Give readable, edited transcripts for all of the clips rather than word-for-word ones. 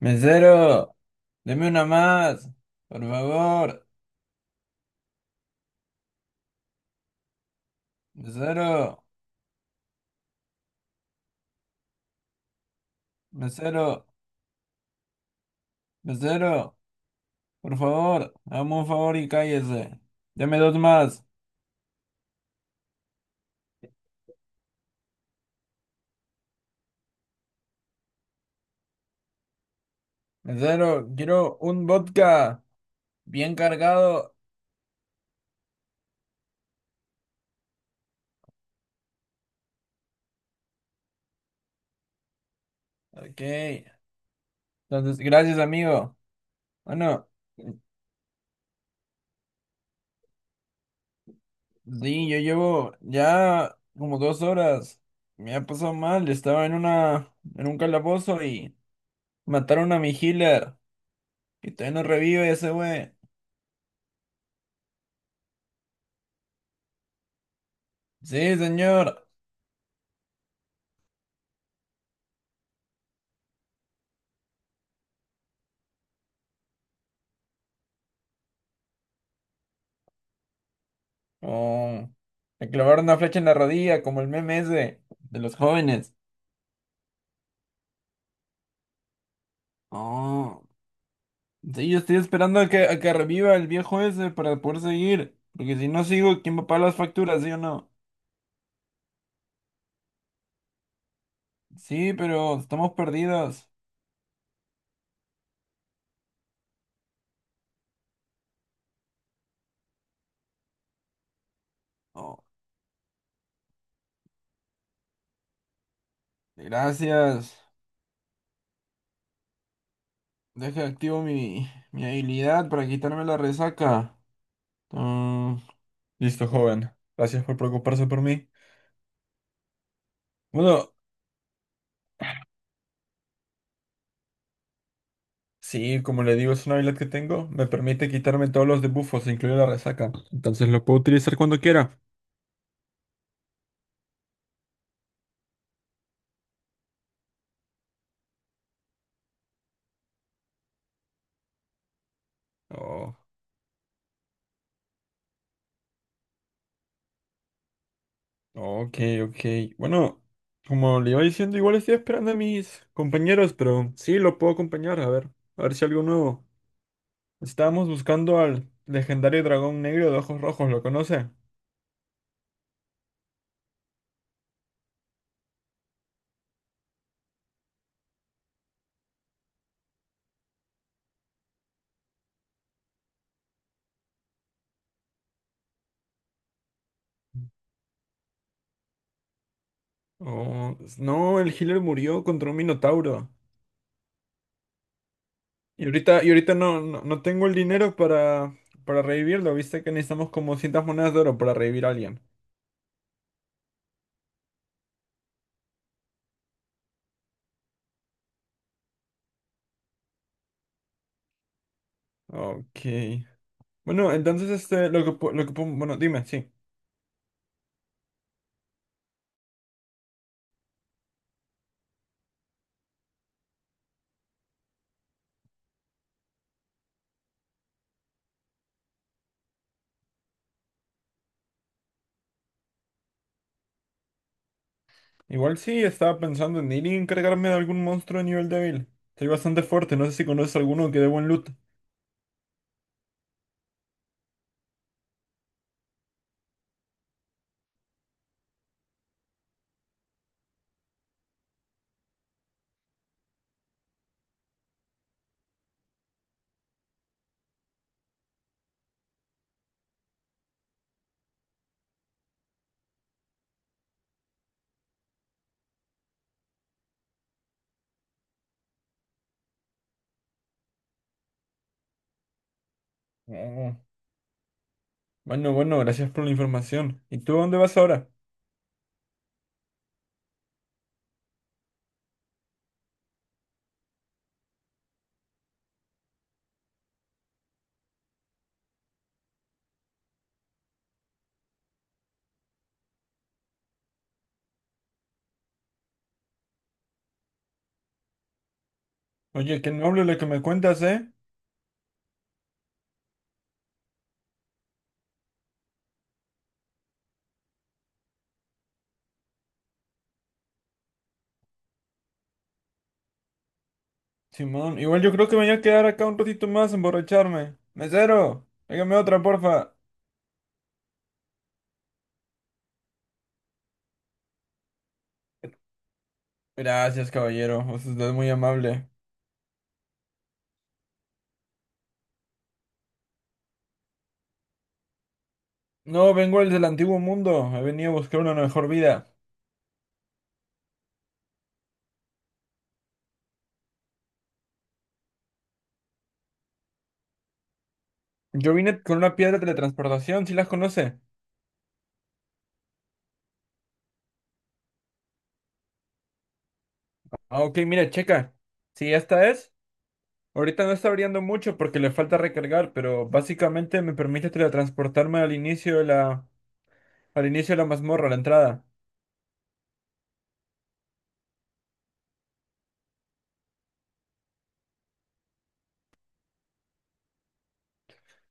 Mesero, deme una más, por favor. Mesero, mesero, mesero, por favor, hazme un favor y cállese. Deme dos más. Mesero, quiero un vodka bien cargado. Ok, entonces, gracias, amigo. Bueno, sí, yo llevo ya como dos horas. Me ha pasado mal, estaba en un calabozo y mataron a mi healer. Y todavía no revive ese güey. Sí, señor. Oh, le clavaron una flecha en la rodilla, como el meme ese de los jóvenes. Oh, sí, yo estoy esperando a que reviva el viejo ese para poder seguir. Porque si no sigo, ¿quién va a pagar las facturas, sí o no? Sí, pero estamos perdidos. Oh, gracias. Deja activo mi habilidad para quitarme la resaca. Mm, listo, joven. Gracias por preocuparse por mí. Bueno, sí, como le digo, es una habilidad que tengo. Me permite quitarme todos los debuffos, incluida la resaca. Entonces lo puedo utilizar cuando quiera. Oh, ok, ok. Bueno, como le iba diciendo, igual estoy esperando a mis compañeros, pero sí, lo puedo acompañar. A ver si algo nuevo. Estábamos buscando al legendario dragón negro de ojos rojos, ¿lo conoce? Oh, no, el healer murió contra un minotauro. Y ahorita no, no tengo el dinero para revivirlo. Viste que necesitamos como 100 monedas de oro para revivir a alguien. Ok. Bueno, entonces este, bueno, dime, sí. Igual sí, estaba pensando en ir y encargarme de algún monstruo de nivel débil. Soy bastante fuerte, no sé si conoces alguno que dé buen loot. Oh, bueno, bueno, gracias por la información. ¿Y tú a dónde vas ahora? Oye, qué noble lo que me cuentas, ¿eh? Simón, igual yo creo que me voy a quedar acá un ratito más a emborracharme. Mesero, hágame otra, porfa. Gracias, caballero, usted es muy amable. No, vengo del antiguo mundo, he venido a buscar una mejor vida. Yo vine con una piedra de teletransportación, ¿sí las conoce? Ah, ok, mire, checa. Si esta es, ahorita no está brillando mucho porque le falta recargar, pero básicamente me permite teletransportarme al inicio de la mazmorra, a la entrada.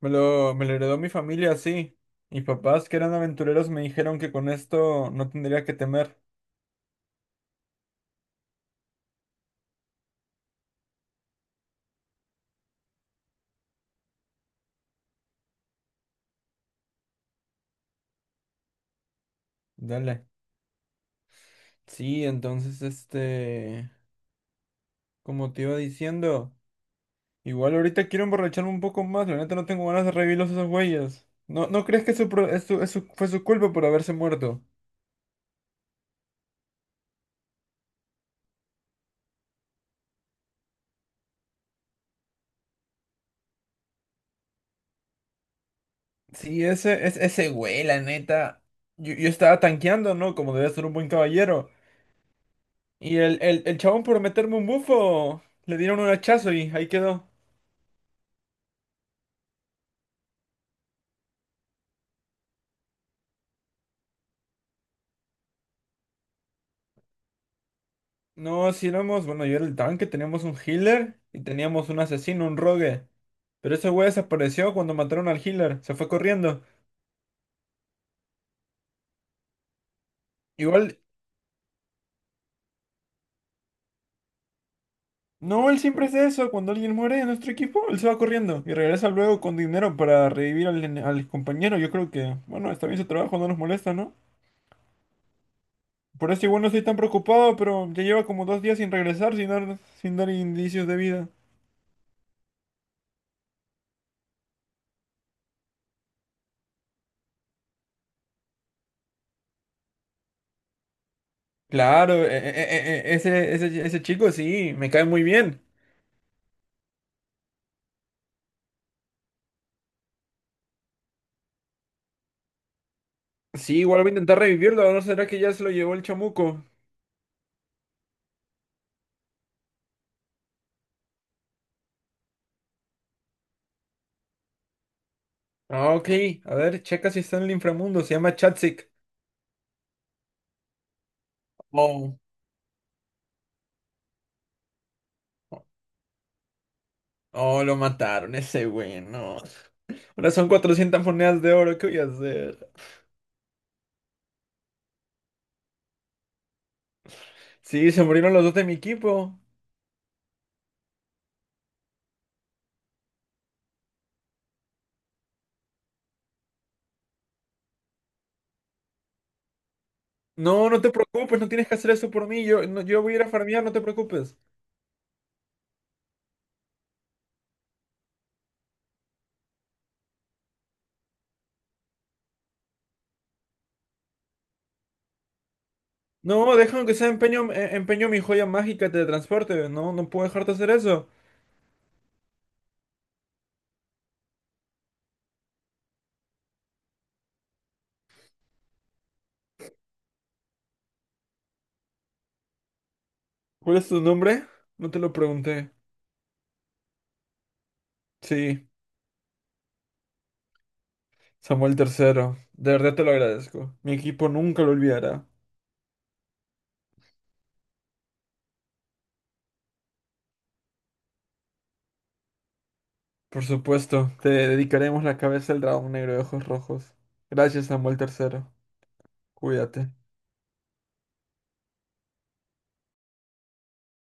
Me lo heredó mi familia así. Mis papás, que eran aventureros, me dijeron que con esto no tendría que temer. Dale. Sí, entonces, este, como te iba diciendo. Igual ahorita quiero emborracharme un poco más, la neta no tengo ganas de revivirlos a esos güeyes. No crees que su, pro- es su- fue su culpa por haberse muerto? Sí, ese güey, la neta. Yo estaba tanqueando, ¿no? Como debía ser un buen caballero. Y el chabón por meterme un bufo, le dieron un hachazo y ahí quedó. No, si éramos, bueno, yo era el tanque, teníamos un healer y teníamos un asesino, un rogue. Pero ese güey desapareció cuando mataron al healer, se fue corriendo. Igual, no, él siempre hace eso. Cuando alguien muere de nuestro equipo, él se va corriendo y regresa luego con dinero para revivir al compañero. Yo creo que, bueno, está bien su trabajo, no nos molesta, ¿no? Por eso igual no estoy tan preocupado, pero ya lleva como dos días sin regresar, sin dar indicios de vida. Claro, ese chico sí, me cae muy bien. Sí, igual voy a intentar revivirlo. ¿No será que ya se lo llevó el chamuco? Ah, ok. A ver, checa si está en el inframundo. Se llama Chatzik. Oh, oh, lo mataron, ese güey, no. Ahora son 400 monedas de oro, ¿qué voy a hacer? Sí, se murieron los dos de mi equipo. No, no te preocupes, no tienes que hacer eso por mí. Yo, no- yo voy a ir a farmear, no te preocupes. No, déjame que sea empeño mi joya mágica de transporte. No, no puedo dejarte hacer eso. ¿Cuál es tu nombre? No te lo pregunté. Sí, Samuel tercero. De verdad te lo agradezco. Mi equipo nunca lo olvidará. Por supuesto, te dedicaremos la cabeza del dragón negro de ojos rojos. Gracias, Samuel tercero. Cuídate.